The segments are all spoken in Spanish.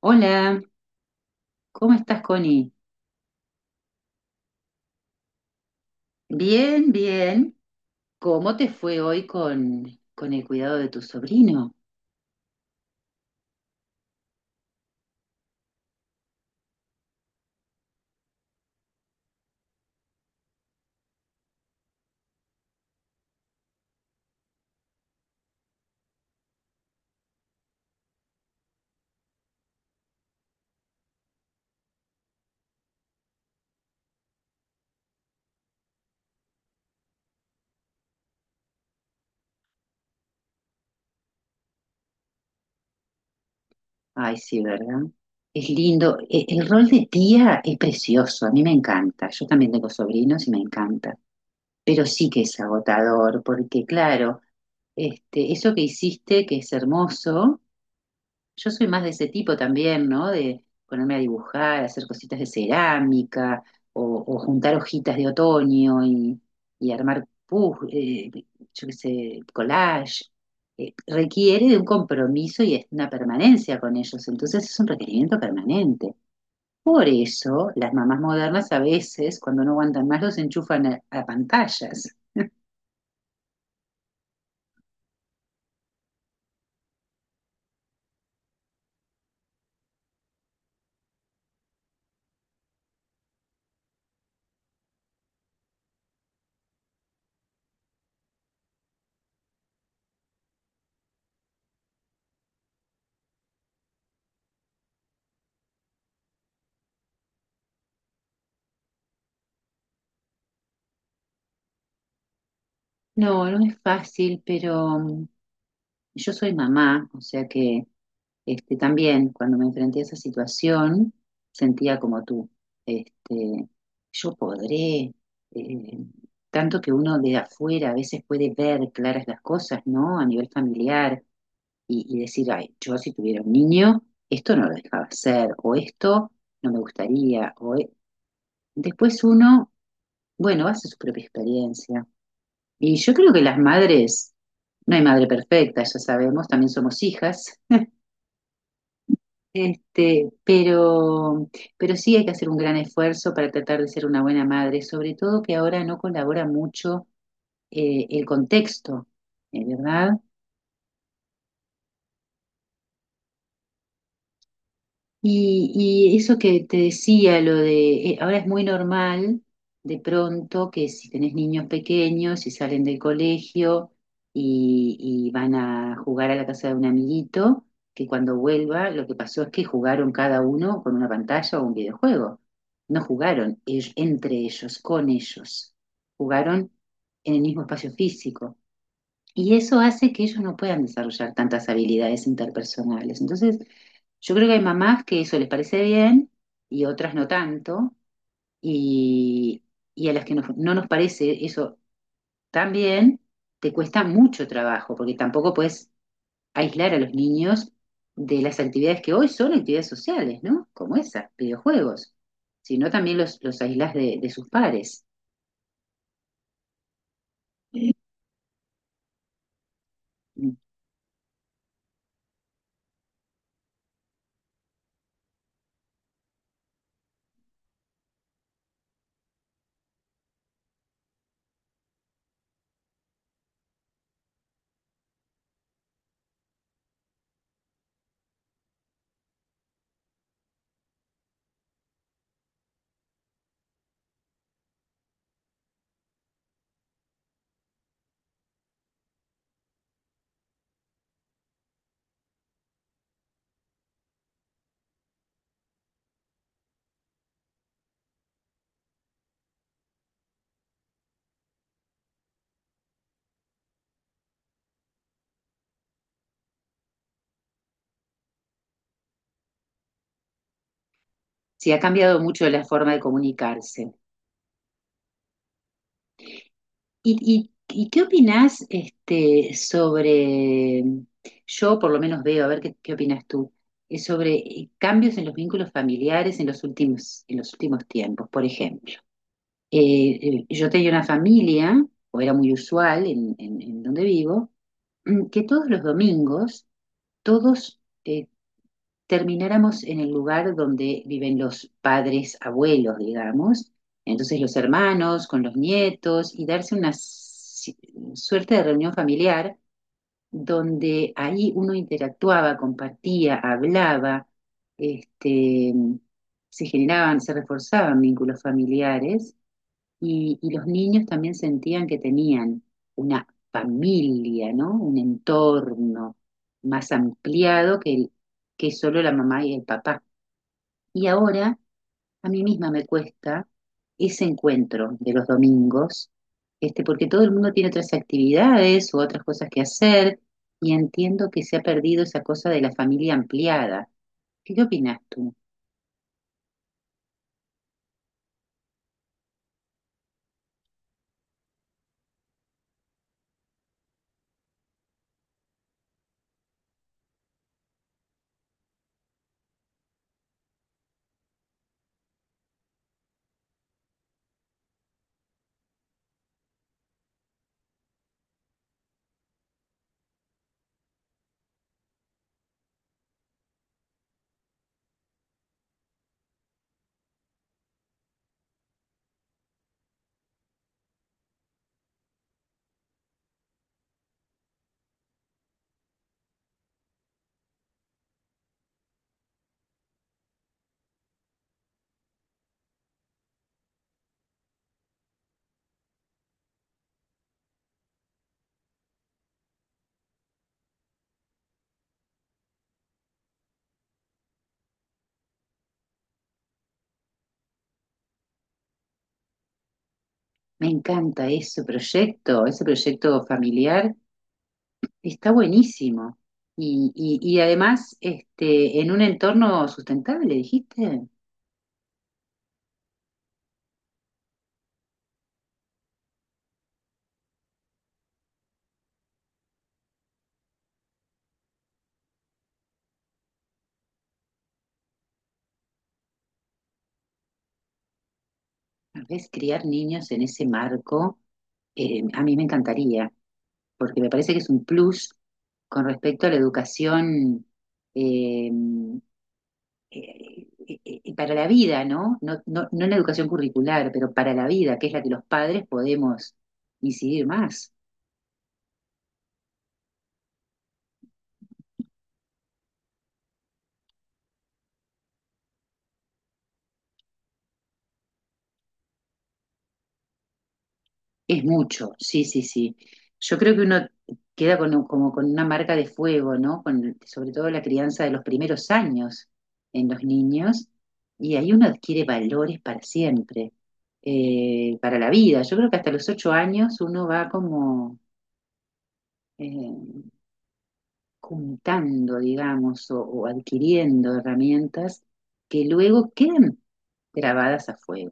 Hola, ¿cómo estás, Connie? Bien, bien. ¿Cómo te fue hoy con el cuidado de tu sobrino? Ay, sí, ¿verdad? Es lindo. El rol de tía es precioso, a mí me encanta. Yo también tengo sobrinos y me encanta. Pero sí que es agotador, porque claro, este, eso que hiciste, que es hermoso. Yo soy más de ese tipo también, ¿no? De ponerme a dibujar, hacer cositas de cerámica o juntar hojitas de otoño y armar, yo qué sé, collage. Requiere de un compromiso y es una permanencia con ellos, entonces es un requerimiento permanente. Por eso las mamás modernas a veces, cuando no aguantan más, los enchufan a pantallas. No, no es fácil, pero yo soy mamá, o sea que este, también cuando me enfrenté a esa situación sentía como tú, este, yo podré, eh, tanto que uno de afuera a veces puede ver claras las cosas, ¿no? A nivel familiar y decir, ay, yo si tuviera un niño, esto no lo dejaba hacer, o esto no me gustaría, o después uno, bueno, hace su propia experiencia y yo creo que las madres, no hay madre perfecta, ya sabemos, también somos hijas, este, pero sí hay que hacer un gran esfuerzo para tratar de ser una buena madre, sobre todo que ahora no colabora mucho el contexto, ¿verdad? Y, y eso que te decía, lo de, ahora es muy normal de pronto que si tenés niños pequeños y salen del colegio y, y van a jugar a la casa de un amiguito, que cuando vuelva lo que pasó es que jugaron cada uno con una pantalla o un videojuego. No jugaron entre ellos, con ellos. Jugaron en el mismo espacio físico. Y eso hace que ellos no puedan desarrollar tantas habilidades interpersonales. Entonces, yo creo que hay mamás que eso les parece bien y otras no tanto, y, y a las que no, no nos parece eso tan bien, te cuesta mucho trabajo, porque tampoco puedes aislar a los niños de las actividades que hoy son actividades sociales, ¿no? Como esas, videojuegos, sino también los aislas de sus pares. Sí, ha cambiado mucho la forma de comunicarse. ¿ Y qué opinás este, sobre, yo por lo menos veo, a ver qué, qué opinas tú, sobre cambios en los vínculos familiares en los últimos tiempos? Por ejemplo, yo tenía una familia, o era muy usual en donde vivo, mm, que todos los domingos todos termináramos en el lugar donde viven los padres, abuelos, digamos, entonces los hermanos con los nietos y darse una suerte de reunión familiar donde ahí uno interactuaba, compartía, hablaba, este, se generaban, se reforzaban vínculos familiares y los niños también sentían que tenían una familia, ¿no? Un entorno más ampliado que que solo la mamá y el papá. Y ahora a mí misma me cuesta ese encuentro de los domingos, este, porque todo el mundo tiene otras actividades u otras cosas que hacer, y entiendo que se ha perdido esa cosa de la familia ampliada. ¿Qué opinas tú? Me encanta ese proyecto familiar. Está buenísimo. Y además, este, en un entorno sustentable, dijiste, tal vez criar niños en ese marco, a mí me encantaría, porque me parece que es un plus con respecto a la educación eh, para la vida, ¿no? No, no, no en la educación curricular, pero para la vida, que es la que los padres podemos incidir más. Es mucho, sí, sí, sí. Yo creo que uno queda con, como con una marca de fuego, ¿no? Con, sobre todo la crianza de los primeros años en los niños, y ahí uno adquiere valores para siempre, para la vida. Yo creo que hasta los ocho años uno va como eh, juntando, digamos, o adquiriendo herramientas que luego quedan grabadas a fuego.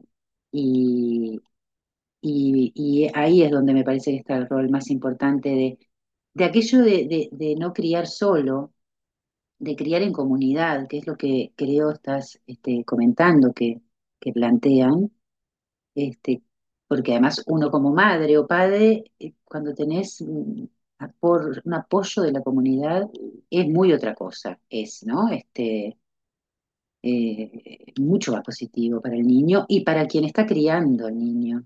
Y ahí es donde me parece que está el rol más importante de aquello de, de no criar solo, de criar en comunidad, que es lo que creo estás este, comentando, que plantean, este, porque además uno como madre o padre, cuando tenés un apoyo de la comunidad, es muy otra cosa, es, ¿no? Este, mucho más positivo para el niño y para quien está criando al niño.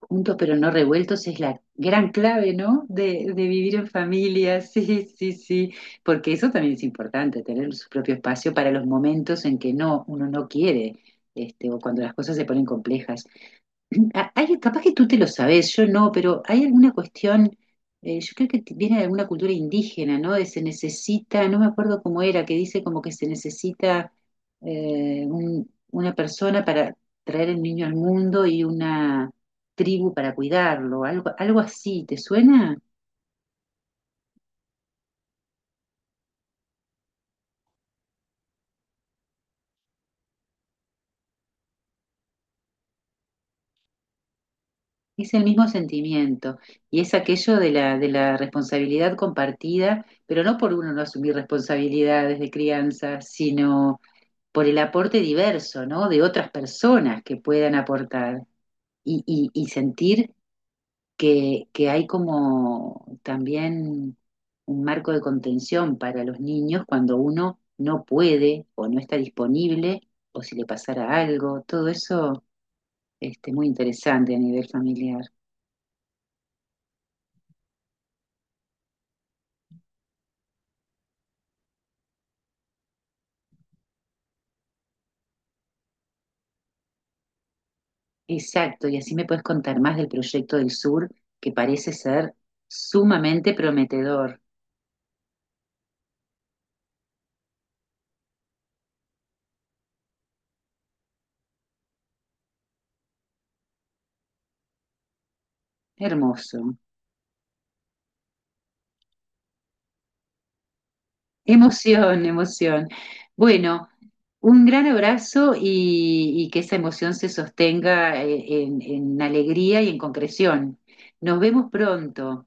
Juntos pero no revueltos es la gran clave, ¿no? De vivir en familia, sí, sí, sí, porque eso también es importante, tener su propio espacio para los momentos en que no, uno no quiere, este, o cuando las cosas se ponen complejas Hay, capaz que tú te lo sabes, yo no, pero hay alguna cuestión, yo creo que viene de alguna cultura indígena, ¿no? De se necesita, no me acuerdo cómo era, que dice como que se necesita una persona para traer el niño al mundo y una tribu para cuidarlo, algo, algo así, ¿te suena? Es el mismo sentimiento y es aquello de la responsabilidad compartida, pero no por uno no asumir responsabilidades de crianza, sino por el aporte diverso, ¿no? De otras personas que puedan aportar y, y sentir que hay como también un marco de contención para los niños cuando uno no puede o no está disponible o si le pasara algo, todo eso, este, muy interesante a nivel familiar. Exacto, y así me puedes contar más del proyecto del sur, que parece ser sumamente prometedor. Hermoso. Emoción, emoción. Bueno, un gran abrazo y que esa emoción se sostenga en alegría y en concreción. Nos vemos pronto.